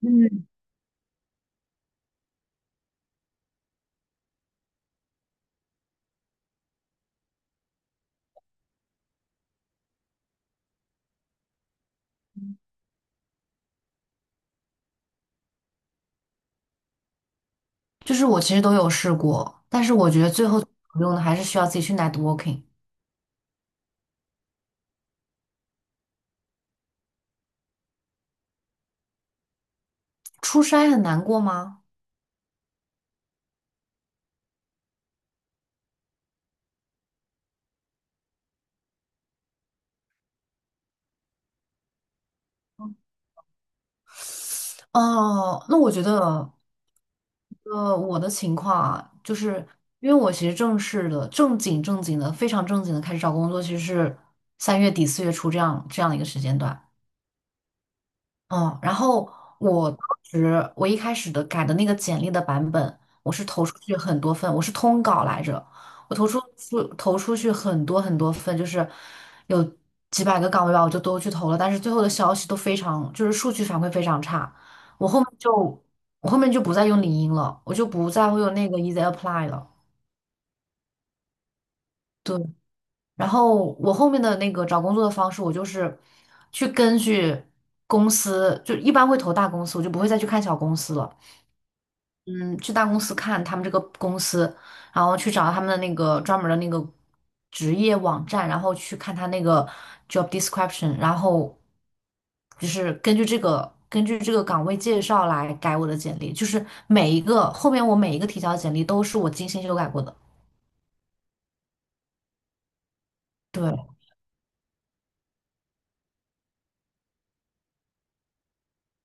嗯，就是我其实都有试过，但是我觉得最后有用的还是需要自己去 networking。出差很难过吗？哦、那我觉得，我的情况啊，就是因为我其实正式的、正经正经的、非常正经的开始找工作，其实是三月底四月初这样的一个时间段。嗯，然后我当时一开始的改的那个简历的版本，我是投出去很多份，我是通稿来着，我投出去很多很多份，就是有几百个岗位吧，我就都去投了，但是最后的消息都非常，就是数据反馈非常差，我后面就我后面就不再用领英了，我就不再会用那个 Easy Apply 了。对，然后我后面的那个找工作的方式，我就是去根据公司，就一般会投大公司，我就不会再去看小公司了。嗯，去大公司看他们这个公司，然后去找他们的那个专门的那个职业网站，然后去看他那个 job description，然后就是根据这个岗位介绍来改我的简历，就是每一个后面我每一个提交的简历都是我精心修改过的。对，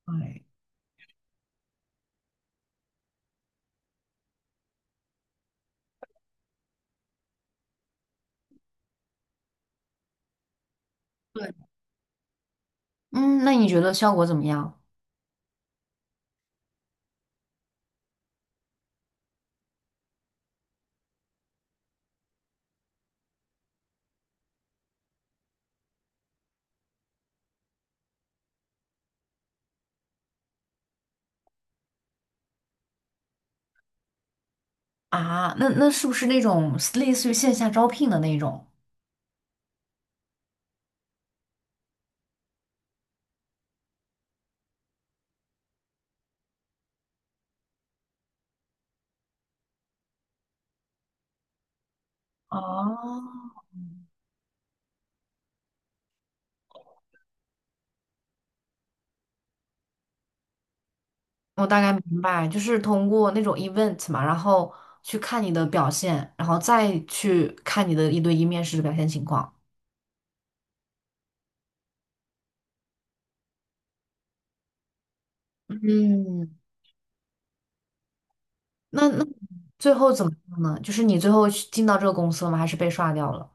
对，对嗯，那你觉得效果怎么样啊？那是不是那种类似于线下招聘的那种？哦，我大概明白，就是通过那种 event 嘛，然后去看你的表现，然后再去看你的一对一面试的表现情况。嗯，那最后怎么样呢？就是你最后去进到这个公司了吗？还是被刷掉了？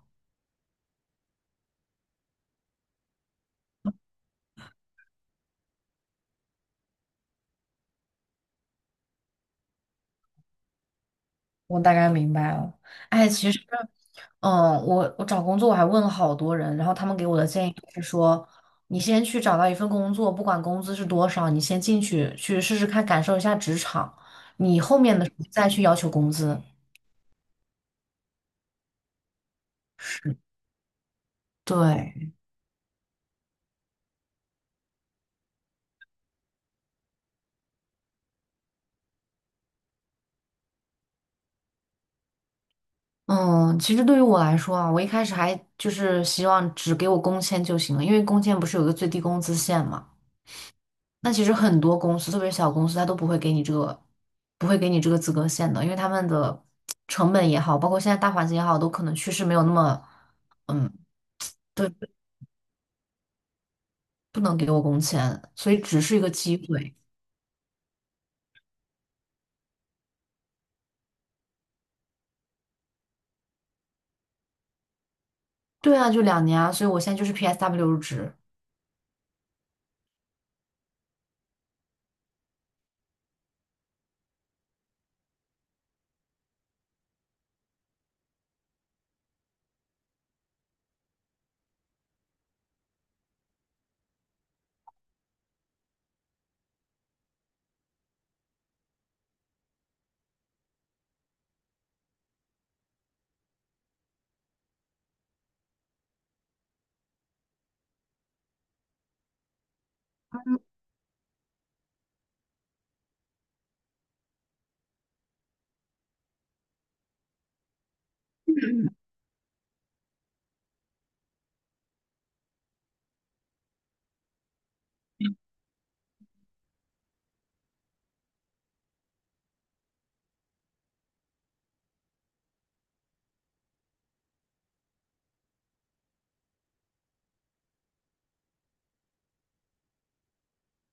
我大概明白了。哎，其实，嗯，我找工作我还问了好多人，然后他们给我的建议就是说，你先去找到一份工作，不管工资是多少，你先进去试试看，感受一下职场，你后面的时候再去要求工资。是。对，嗯，其实对于我来说啊，我一开始还就是希望只给我工签就行了，因为工签不是有一个最低工资线嘛。那其实很多公司，特别是小公司，它都不会给你这个，不会给你这个资格线的，因为他们的成本也好，包括现在大环境也好，都可能趋势没有那么，嗯，对，不能给我工签，所以只是一个机会。对啊，就两年啊，所以我现在就是 PSW 入职。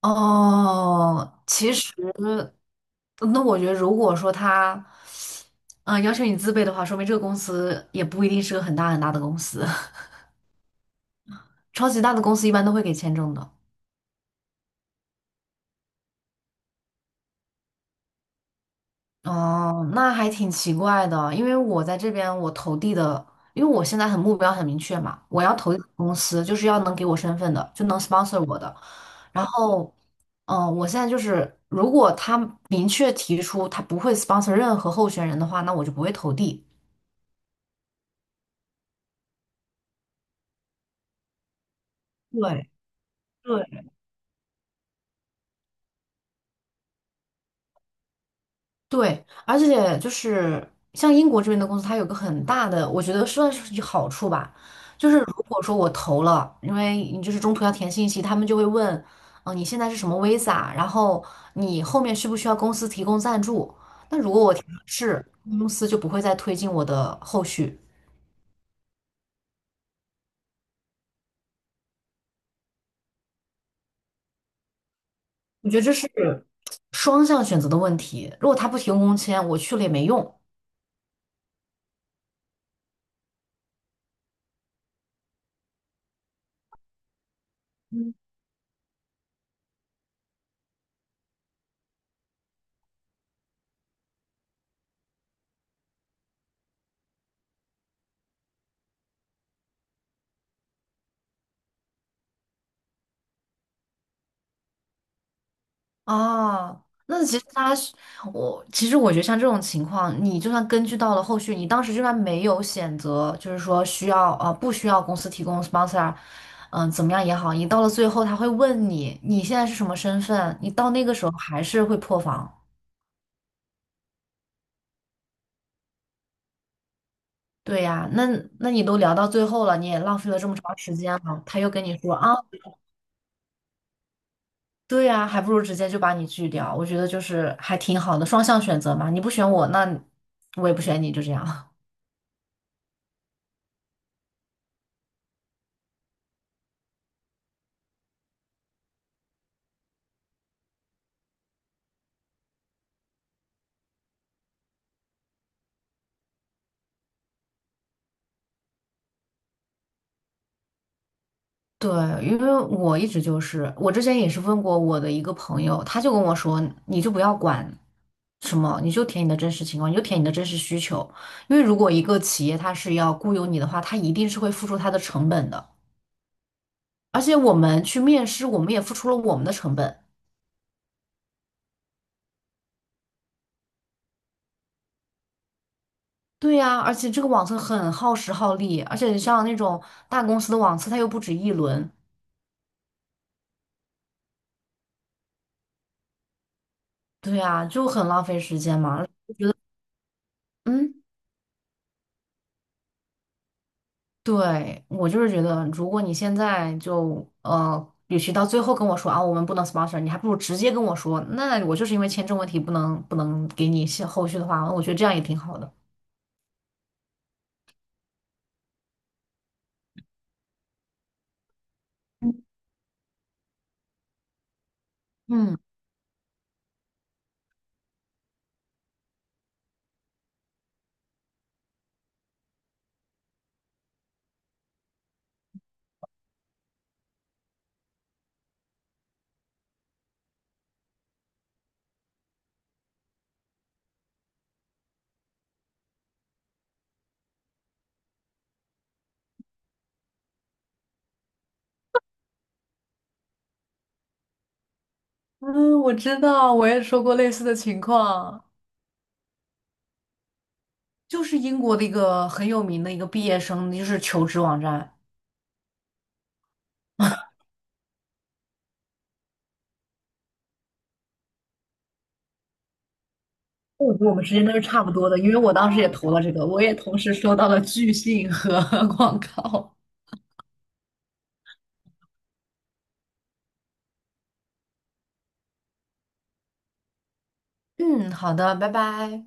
哦，其实那我觉得，如果说他，嗯、要求你自备的话，说明这个公司也不一定是个很大的公司，超级大的公司一般都会给签证的。哦，那还挺奇怪的，因为我在这边我投递的，因为我现在很目标很明确嘛，我要投递的公司就是要能给我身份的，就能 sponsor 我的。然后，我现在就是，如果他明确提出他不会 sponsor 任何候选人的话，那我就不会投递。对，对。对，而且就是像英国这边的公司，它有个很大的，我觉得算是有好处吧，就是如果说我投了，因为你就是中途要填信息，他们就会问，你现在是什么 visa，然后你后面需不需要公司提供赞助？那如果我填了是，公司就不会再推进我的后续。我觉得这是双向选择的问题，如果他不提供工签，我去了也没用。哦，那其实他是其实我觉得像这种情况，你就算根据到了后续，你当时就算没有选择，就是说需要不需要公司提供 sponsor，怎么样也好，你到了最后他会问你你现在是什么身份，你到那个时候还是会破防。对呀、那你都聊到最后了，你也浪费了这么长时间了，他又跟你说啊，对呀、还不如直接就把你拒掉。我觉得就是还挺好的，双向选择嘛，你不选我，那我也不选你，就这样。对，因为我一直就是，我之前也是问过我的一个朋友，他就跟我说，你就不要管什么，你就填你的真实情况，你就填你的真实需求，因为如果一个企业它是要雇佣你的话，它一定是会付出它的成本的，而且我们去面试，我们也付出了我们的成本。对呀，而且这个网测很耗时耗力，而且像那种大公司的网测，它又不止一轮，对呀，就很浪费时间嘛，就觉得嗯。对，我就是觉得，如果你现在就与其到最后跟我说啊，我们不能 sponsor，你还不如直接跟我说，那我就是因为签证问题不能给你下后续的话，我觉得这样也挺好的。嗯，嗯，我知道，我也说过类似的情况。就是英国的一个很有名的一个毕业生，就是求职网站。我觉得我们时间都是差不多的，因为我当时也投了这个，我也同时收到了拒信和 广告。嗯，好的，拜拜。